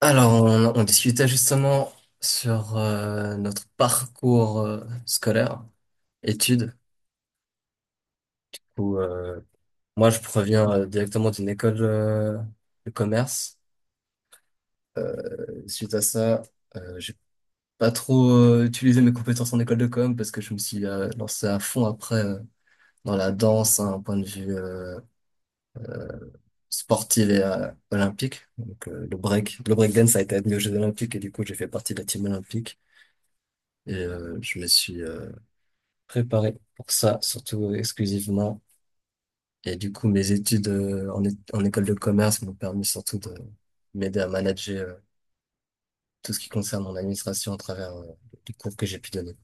Alors, on discutait justement sur notre parcours scolaire, études, où moi je proviens directement d'une école de commerce. Euh, Suite à ça, j'ai pas trop utilisé mes compétences en école de com parce que je me suis lancé à fond après dans la danse, hein, un point de vue sportif et olympique. Donc le breakdance a été admis aux Jeux Olympiques et du coup j'ai fait partie de la team olympique et je me suis préparé pour ça, surtout exclusivement. Et du coup, mes études en école de commerce m'ont permis surtout de m'aider à manager tout ce qui concerne mon administration à travers les cours que j'ai pu donner.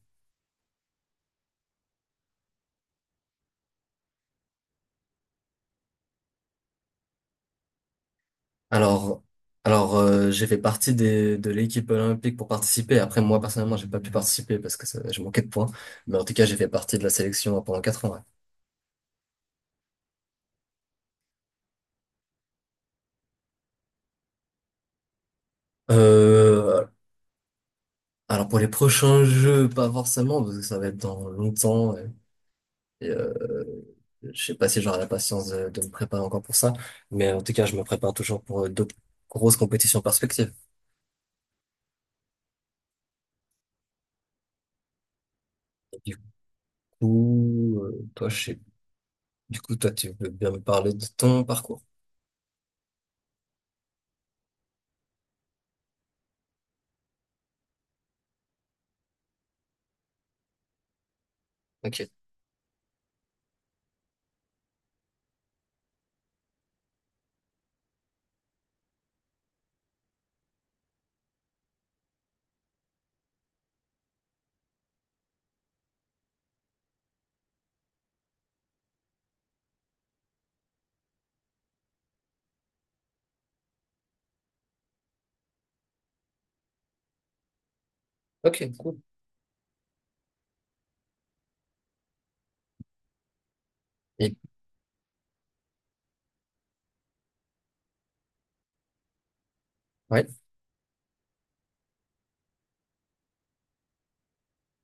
Alors, alors, j'ai fait partie de l'équipe olympique pour participer. Après, moi, personnellement, j'ai pas pu participer parce que je manquais de points. Mais en tout cas, j'ai fait partie de la sélection pendant 4 ans. Ouais. Euh, alors, pour les prochains jeux, pas forcément, parce que ça va être dans longtemps. Ouais. Et, je sais pas si j'aurai la patience de me préparer encore pour ça, mais en tout cas, je me prépare toujours pour d'autres grosses compétitions perspectives. Du coup, toi, je sais, du coup, toi, tu veux bien me parler de ton parcours. Ok, ok, cool. Et, ouais.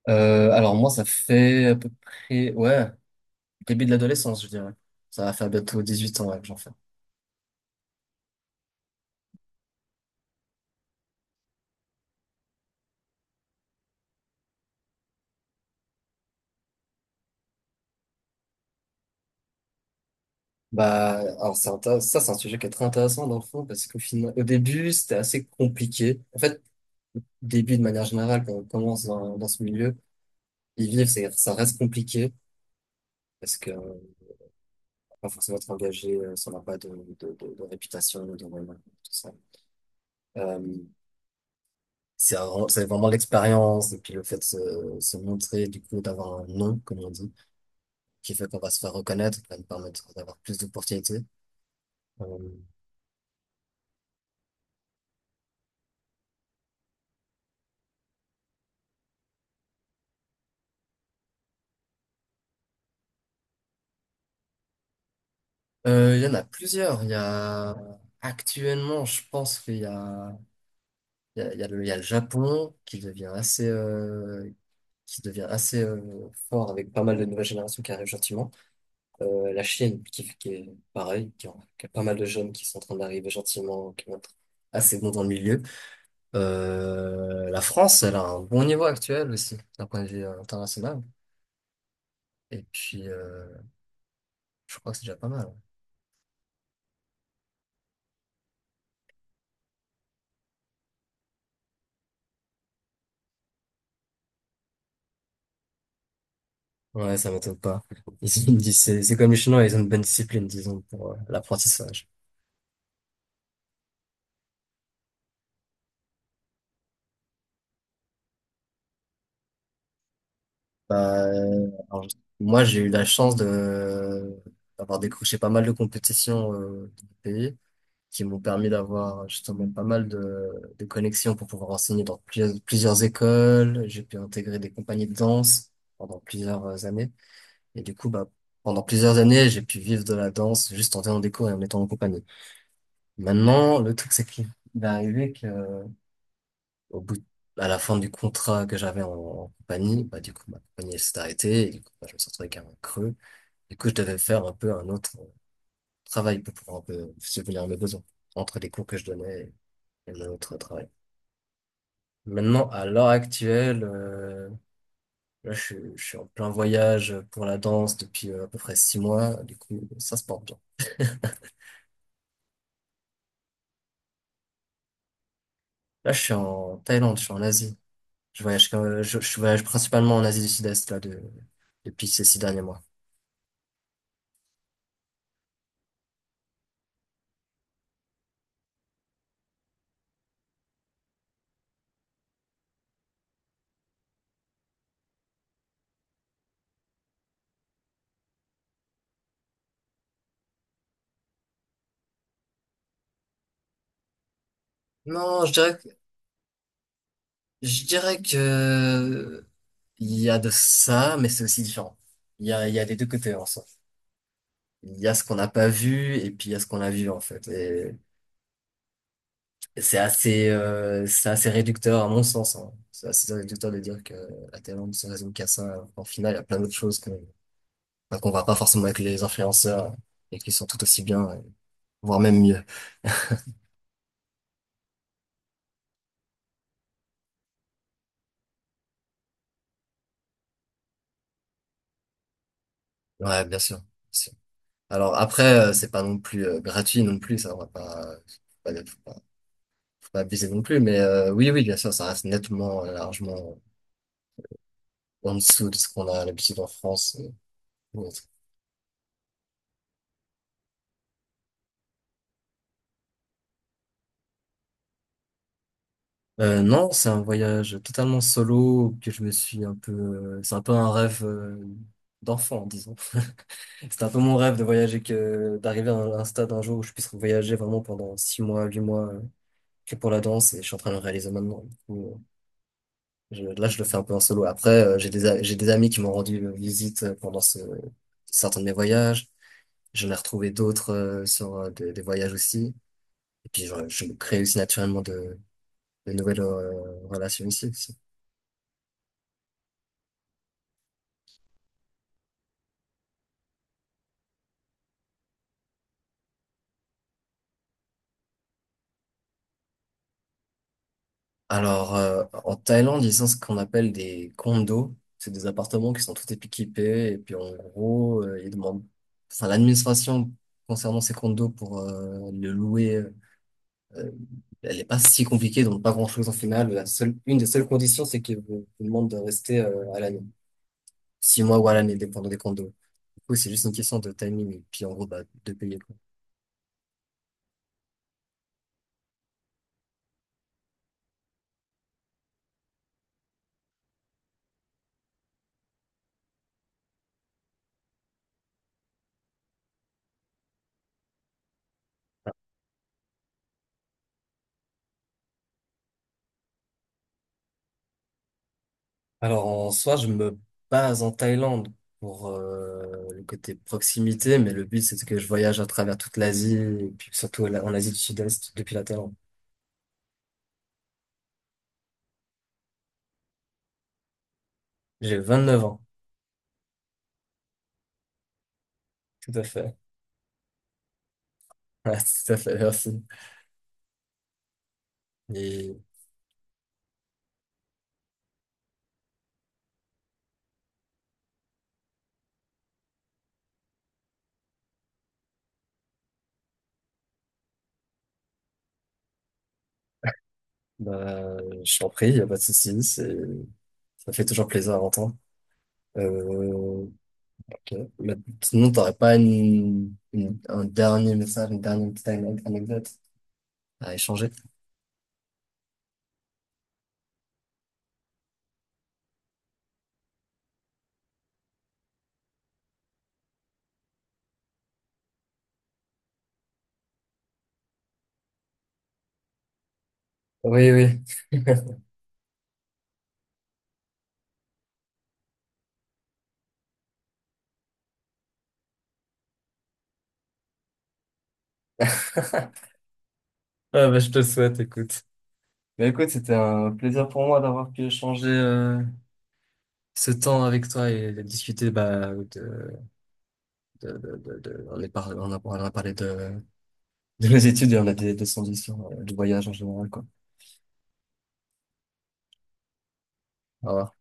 Alors moi, ça fait à peu près, ouais, début de l'adolescence, je dirais. Ça va faire bientôt 8 ans, ouais, que j'en fais. Bah, alors ça, c'est un sujet qui est très intéressant dans le fond, parce qu'au final, au début, c'était assez compliqué. En fait, début de manière générale, quand on commence dans ce milieu, y vivre, ça reste compliqué parce que pas forcément être engagé si on n'a pas de réputation, de renom, tout ça. Euh, c'est vraiment l'expérience et puis le fait de se montrer, du coup, d'avoir un nom, comme on dit, qui fait qu'on va se faire reconnaître, qui va nous permettre d'avoir plus d'opportunités. Euh, il y en a plusieurs. Il y a actuellement, je pense qu'il y a, il y a, il y a le, il y a le Japon qui devient assez fort avec pas mal de nouvelles générations qui arrivent gentiment. La Chine, qui est pareil, qui a pas mal de jeunes qui sont en train d'arriver gentiment, qui vont être assez bons dans le milieu. La France, elle a un bon niveau actuel aussi, d'un point de vue international. Et puis, je crois que c'est déjà pas mal. Ouais, ça m'étonne pas. Ils ont une c'est comme les Chinois, ils ont une bonne discipline, disons, pour l'apprentissage. Bah, alors, moi, j'ai eu la chance de d'avoir décroché pas mal de compétitions dans mon pays qui m'ont permis d'avoir justement pas mal de connexions pour pouvoir enseigner dans plusieurs écoles. J'ai pu intégrer des compagnies de danse pendant plusieurs années. Et du coup, bah, pendant plusieurs années, j'ai pu vivre de la danse juste en donnant des cours et en étant en compagnie. Maintenant, le truc, c'est qu'il est arrivé que, au bout, à la fin du contrat que j'avais en compagnie, bah, du coup, ma compagnie, elle s'est arrêtée. Et du coup, bah, je me suis retrouvé avec un creux. Du coup, je devais faire un peu un autre travail pour pouvoir un peu subvenir à mes besoins entre les cours que je donnais. Et un autre travail. Maintenant, à l'heure actuelle, là, je suis en plein voyage pour la danse depuis à peu près 6 mois. Du coup, ça se porte bien. Là, je suis en Thaïlande, je suis en Asie. Je voyage, je voyage principalement en Asie du Sud-Est là depuis ces 6 derniers mois. Non, je dirais que Il y a de ça, mais c'est aussi différent. Il y a les deux côtés en soi. Il y a ce qu'on n'a pas vu et puis il y a ce qu'on a vu en fait. Et c'est assez réducteur à mon sens, hein. C'est assez réducteur de dire que la Thaïlande se résume qu'à ça, alors qu'en final, il y a plein d'autres choses qu'on voit pas forcément avec les influenceurs et qui sont tout aussi bien, voire même mieux. Ouais, bien sûr, bien sûr. Alors après, c'est pas non plus gratuit non plus. Ça, on va pas, pas, faut pas, faut pas abuser non plus. Mais oui, oui, bien sûr, ça reste nettement, largement en dessous de ce qu'on a l'habitude en France, ou autre. Non, c'est un voyage totalement solo que je me suis un peu. C'est un peu un rêve d'enfant, disons. C'était un peu mon rêve de voyager que d'arriver à un stade un jour où je puisse voyager vraiment pendant 6 mois, 8 mois que pour la danse et je suis en train de le réaliser maintenant. Du coup, là, je le fais un peu en solo. Après, j'ai des amis qui m'ont rendu visite pendant certains de mes voyages. J'en ai retrouvé d'autres sur des voyages aussi. Et puis, je me crée aussi naturellement de les nouvelles relations ici aussi. Alors, en Thaïlande, ils ont ce qu'on appelle des condos. C'est des appartements qui sont tout équipés. Et puis, en gros, ils demandent... Enfin, l'administration concernant ces condos pour le louer, euh, elle est pas si compliquée, donc pas grand-chose en final. La seule, une des seules conditions, c'est qu'ils vous demandent de rester à l'année. 6 mois ou à l'année, dépendant des condos. Du coup, c'est juste une question de timing. Et puis, en gros, bah, de payer. Alors en soi, je me base en Thaïlande pour le côté proximité, mais le but c'est que je voyage à travers toute l'Asie, et puis surtout en Asie du Sud-Est depuis la Thaïlande. J'ai 29 ans, tout à fait. Ouais, tout à fait, merci. Et bah, je t'en prie, y a pas de souci, c'est ça fait toujours plaisir à entendre. Euh, ok. Mais sinon, t'aurais pas un dernier message, une dernière petite anecdote à échanger? Oui, oui. Ah, bah, je te le souhaite, écoute. Bah écoute, c'était un plaisir pour moi d'avoir pu échanger ce temps avec toi et de discuter bah, de- on a parlé de nos études et on a des solutions du voyage en général, quoi. Au revoir.